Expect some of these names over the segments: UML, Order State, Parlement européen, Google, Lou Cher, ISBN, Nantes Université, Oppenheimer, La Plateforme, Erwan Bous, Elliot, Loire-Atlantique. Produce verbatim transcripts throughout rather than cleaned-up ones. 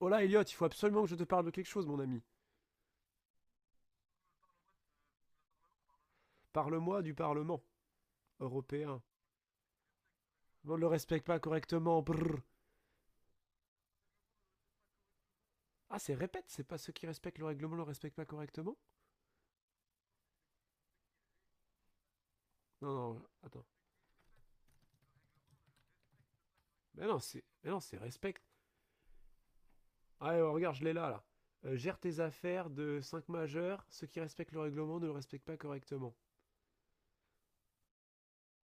Oh là, Elliot, il faut absolument que je te parle de quelque chose, mon ami. Parle-moi du Parlement européen. On ne le respecte pas correctement. Brrr. Ah, c'est répète, c'est pas ceux qui respectent le règlement le respectent pas correctement. Non, non, attends. Mais non, c'est, mais non, c'est respect. Allez, oh, regarde, je l'ai là, là. Euh, gère tes affaires de cinq majeurs, ceux qui respectent le règlement ne le respectent pas correctement.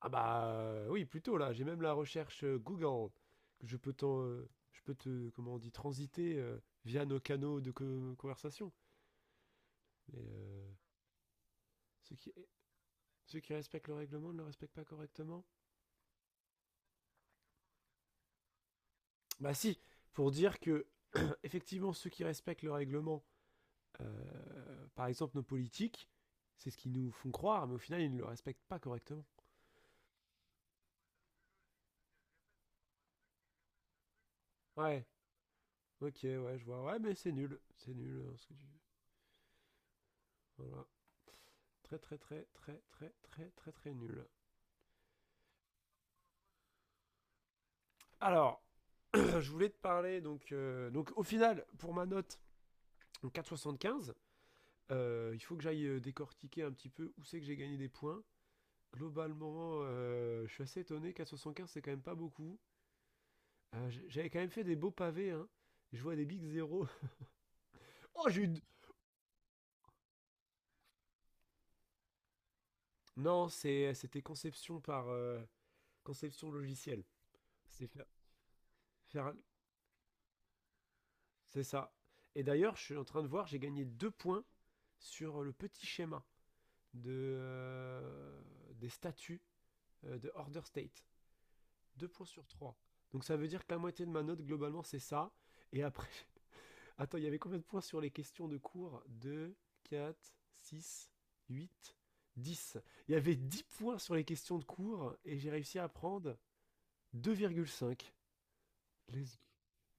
Ah bah euh, oui, plutôt là, j'ai même la recherche euh, Google, que Je peux, t'en, euh, je peux te, comment on dit, transiter euh, via nos canaux de co- conversation. Mais, euh, ceux qui... Ceux qui respectent le règlement ne le respectent pas correctement. Bah si, pour dire que, effectivement, ceux qui respectent le règlement, euh, par exemple nos politiques, c'est ce qu'ils nous font croire, mais au final, ils ne le respectent pas correctement. Ouais, ok, ouais, je vois. Ouais, mais c'est nul. C'est nul, hein, ce que tu- Voilà. Très, très, très, très, très, très, très, très nul. Alors, je voulais te parler, donc, euh, donc au final, pour ma note, donc quatre virgule soixante-quinze, euh, il faut que j'aille euh, décortiquer un petit peu où c'est que j'ai gagné des points. Globalement, euh, je suis assez étonné. quatre soixante-quinze, c'est quand même pas beaucoup. Euh, j- J'avais quand même fait des beaux pavés. Hein. Je vois des big zéro. Oh, j'ai eu une- Non, c'est- c'était conception par euh, conception logicielle. C'était faire, faire- C'est ça. Et d'ailleurs, je suis en train de voir, j'ai gagné deux points sur le petit schéma de, euh, des statuts euh, de Order State. Deux points sur trois. Donc ça veut dire que la moitié de ma note, globalement, c'est ça. Et après, attends, il y avait combien de points sur les questions de cours. Deux, quatre, six, huit, dix. Il y avait dix points sur les questions de cours et j'ai réussi à prendre deux virgule cinq. Les-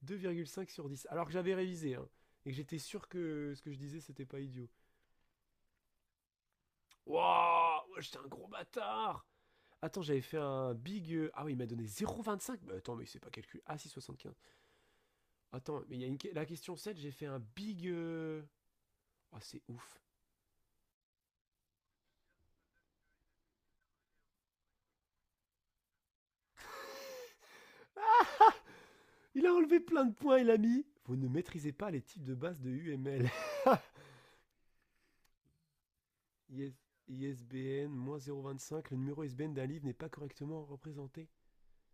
Deux virgule cinq sur dix. Alors que j'avais révisé, hein, et que j'étais sûr que ce que je disais, c'était pas idiot. Wouah ouais, j'étais un gros bâtard. Attends, j'avais fait un big... euh, Ah oui, il m'a donné zéro vingt-cinq. Bah attends, mais c'est pas calcul. Ah, six soixante-quinze. Attends, mais il y a une... que- la question sept, j'ai fait un big... euh, Oh, c'est ouf. Il a enlevé plein de points, il a mis. Vous ne maîtrisez pas les types de base de U M L. zéro vingt-cinq. Le numéro I S B N d'un livre n'est pas correctement représenté.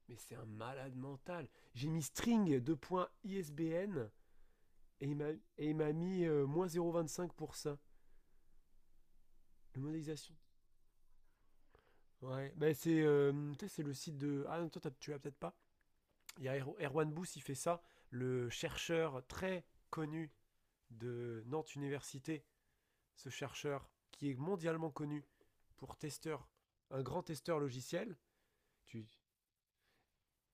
Mais c'est un malade mental. J'ai mis string de points I S B N et il m'a- et il m'a mis euh, cinq pour ça. La modélisation. Ouais, bah c'est euh, tu sais, c'est le site de. Ah non, toi tu l'as peut-être pas. Il y a Er- Erwan Bous, il fait ça, le chercheur très connu de Nantes Université, ce chercheur qui est mondialement connu pour testeur, un grand testeur logiciel, tu...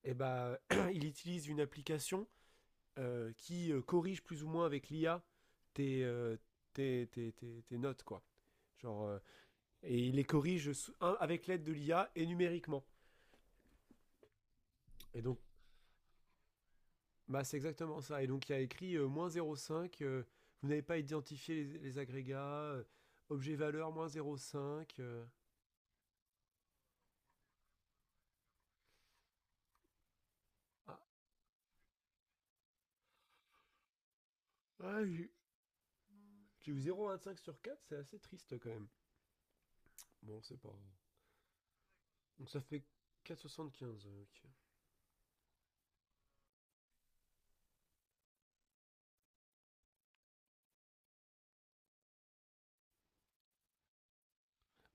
Eh ben, il utilise une application euh, qui euh, corrige plus ou moins avec l'I A tes, euh, tes, tes- tes- tes notes, quoi. Genre, euh, et il les corrige un, avec l'aide de l'I A et numériquement. Et donc, bah, c'est exactement ça. Et donc, il y a écrit euh, moins zéro virgule cinq, euh, vous n'avez pas identifié les, les agrégats, euh, objet valeur moins zéro virgule cinq. euh. Ah, ouais, j'ai eu zéro virgule vingt-cinq sur quatre, c'est assez triste quand même. Bon, c'est pas. Donc ça fait quatre virgule soixante-quinze. euh,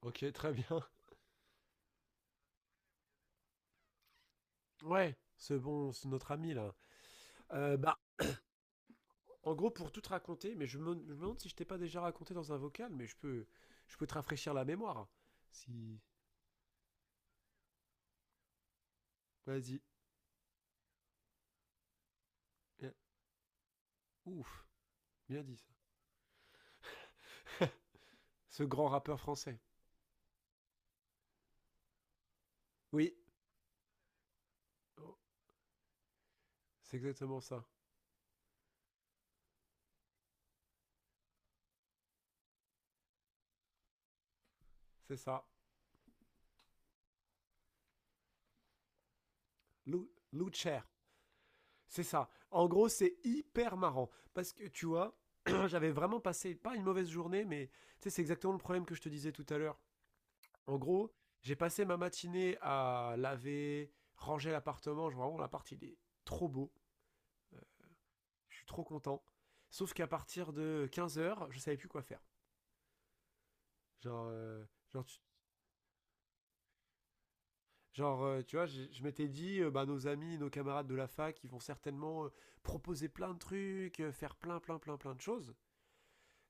ok. Ok, très bien. Ouais, c'est bon, c'est notre ami là. Euh, bah, en gros, pour tout te raconter, mais je me, je me demande si je t'ai pas déjà raconté dans un vocal, mais je peux, je peux te rafraîchir la mémoire. Si. Vas-y. Bien. Ouf, bien dit ça. Ce grand rappeur français. Oui, c'est exactement ça. C'est ça. Lou, Lou Cher. C'est ça. En gros, c'est hyper marrant. Parce que tu vois, j'avais vraiment passé, pas une mauvaise journée, mais tu sais, c'est exactement le problème que je te disais tout à l'heure. En gros, j'ai passé ma matinée à laver, ranger l'appartement. Je- Vraiment, l'appart, il est trop beau. Euh, je suis trop content. Sauf qu'à partir de quinze heures, je savais plus quoi faire. Genre, euh, genre, tu, genre, euh, tu vois, je, je m'étais dit, euh, bah, nos amis, nos camarades de la fac, ils vont certainement euh, proposer plein de trucs, euh, faire plein, plein, plein, plein de choses.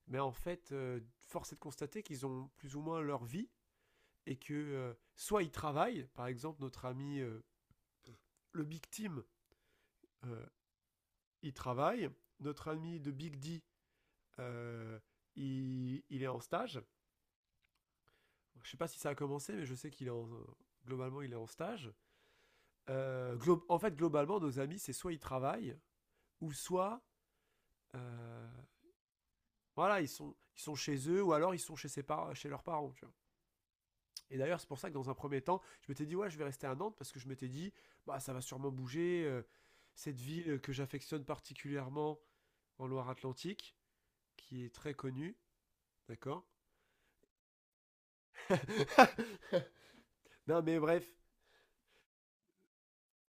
Mais en fait, euh, force est de constater qu'ils ont plus ou moins leur vie et que euh, soit ils travaillent, par exemple notre ami euh, le Big Team, euh, il travaille, notre ami de Big D, euh, il, il est en stage. Je sais pas si ça a commencé, mais je sais qu'il est en, euh, globalement il est en stage. Euh, glo- en fait, globalement, nos amis, c'est soit ils travaillent, ou soit euh, voilà, ils sont, ils sont chez eux, ou alors ils sont chez, ses par- chez leurs parents. Tu vois. Et d'ailleurs, c'est pour ça que dans un premier temps, je m'étais dit, ouais, je vais rester à Nantes parce que je m'étais dit, bah, ça va sûrement bouger. Euh, cette ville que j'affectionne particulièrement en Loire-Atlantique, qui est très connue, d'accord. Non, mais bref.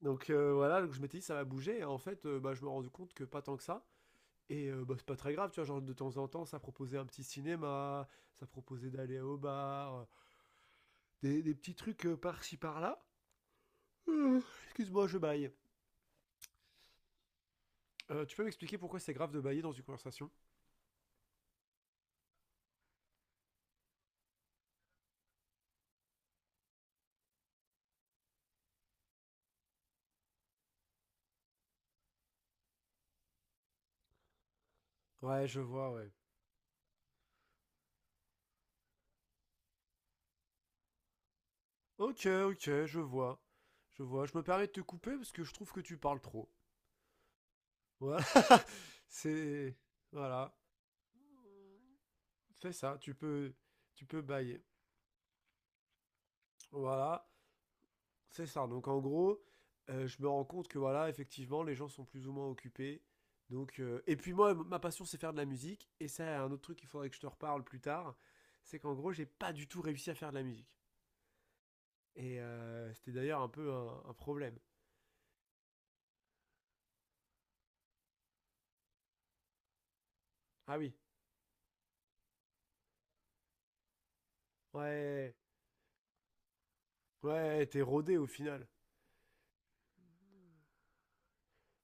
Donc euh, voilà, donc je m'étais dit, ça va bouger. Et en fait, euh, bah, je me rends compte que pas tant que ça. Et euh, bah, c'est pas très grave, tu vois. Genre, de temps en temps, ça proposait un petit cinéma, ça proposait d'aller au bar, euh, des, des petits trucs euh, par-ci par-là. Euh, Excuse-moi, je baille. Euh, tu peux m'expliquer pourquoi c'est grave de bailler dans une conversation? Ouais, je vois, ouais. Ok, ok, je vois. Je vois. Je me permets de te couper parce que je trouve que tu parles trop. Voilà. C'est. Voilà. Fais ça. Tu peux. Tu peux bailler. Voilà. C'est ça. Donc en gros, euh, je me rends compte que voilà, effectivement, les gens sont plus ou moins occupés. Donc, euh, et puis moi, ma passion, c'est faire de la musique. Et ça, un autre truc qu'il faudrait que je te reparle plus tard, c'est qu'en gros, j'ai pas du tout réussi à faire de la musique. Et euh, c'était d'ailleurs un peu un, un problème. Ah oui, ouais. Ouais, ouais. Ouais, t'es rodé au final.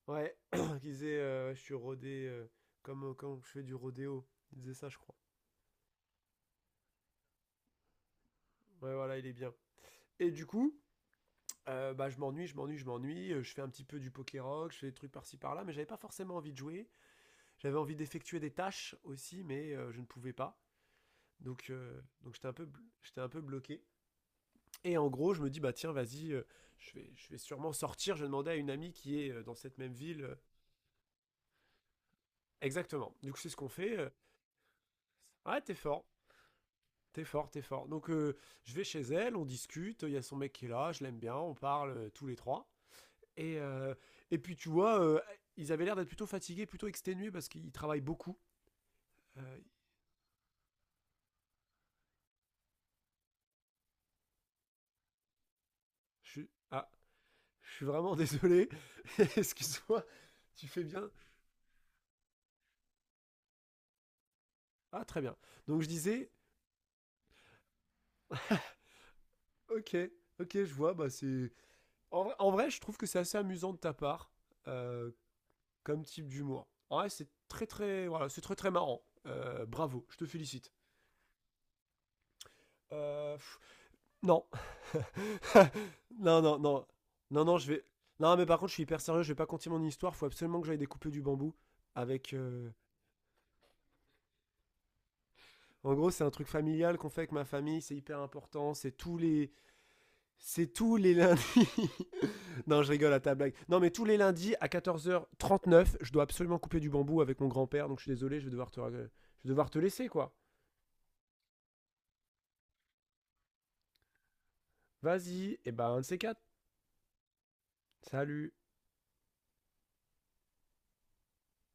Ouais, il disait euh, je suis rodé euh, comme quand je fais du rodéo. Il disait ça, je crois. Ouais, voilà, il est bien. Et du coup, euh, bah, je m'ennuie, je m'ennuie, je m'ennuie. euh, Je fais un petit peu du poké rock, je fais des trucs par-ci par-là, mais j'avais pas forcément envie de jouer. J'avais envie d'effectuer des tâches aussi, mais euh, je ne pouvais pas. Donc, euh, donc j'étais un peu, bl- j'étais un peu bloqué. Et en gros, je me dis bah tiens, vas-y, euh, je vais, je vais sûrement sortir. Je demandais à une amie qui est euh, dans cette même ville. euh, Exactement. Du coup, c'est ce qu'on fait. euh, Ouais, t'es fort. T'es fort, t'es fort. Donc euh, je vais chez elle, on discute, il y a son mec qui est là, je l'aime bien, on parle euh, tous les trois. Et, euh, et puis tu vois, euh, ils avaient l'air d'être plutôt fatigués, plutôt exténués parce qu'ils travaillent beaucoup. Euh, je suis... Ah, je suis vraiment désolé. Excuse-moi, tu fais bien. Ah, très bien. Donc je disais, ok, ok, je vois, bah c'est... En, vrai- en vrai, je trouve que c'est assez amusant de ta part, euh, comme type d'humour. En vrai, c'est très très... Voilà, c'est très très marrant. Euh, bravo, je te félicite. Euh, pff, Non. Non, non, non. Non, non, je vais. Non, mais par contre, je suis hyper sérieux, je vais pas continuer mon histoire. Faut absolument que j'aille découper du bambou. Avec. euh, En gros, c'est un truc familial qu'on fait avec ma famille, c'est hyper important. C'est tous les. C'est tous les lundis. Non, je rigole à ta blague. Non, mais tous les lundis à quatorze heures trente-neuf, je dois absolument couper du bambou avec mon grand-père. Donc, je suis désolé, je vais devoir te, je vais devoir te laisser, quoi. Vas-y, et ben, un de ces quatre. Salut.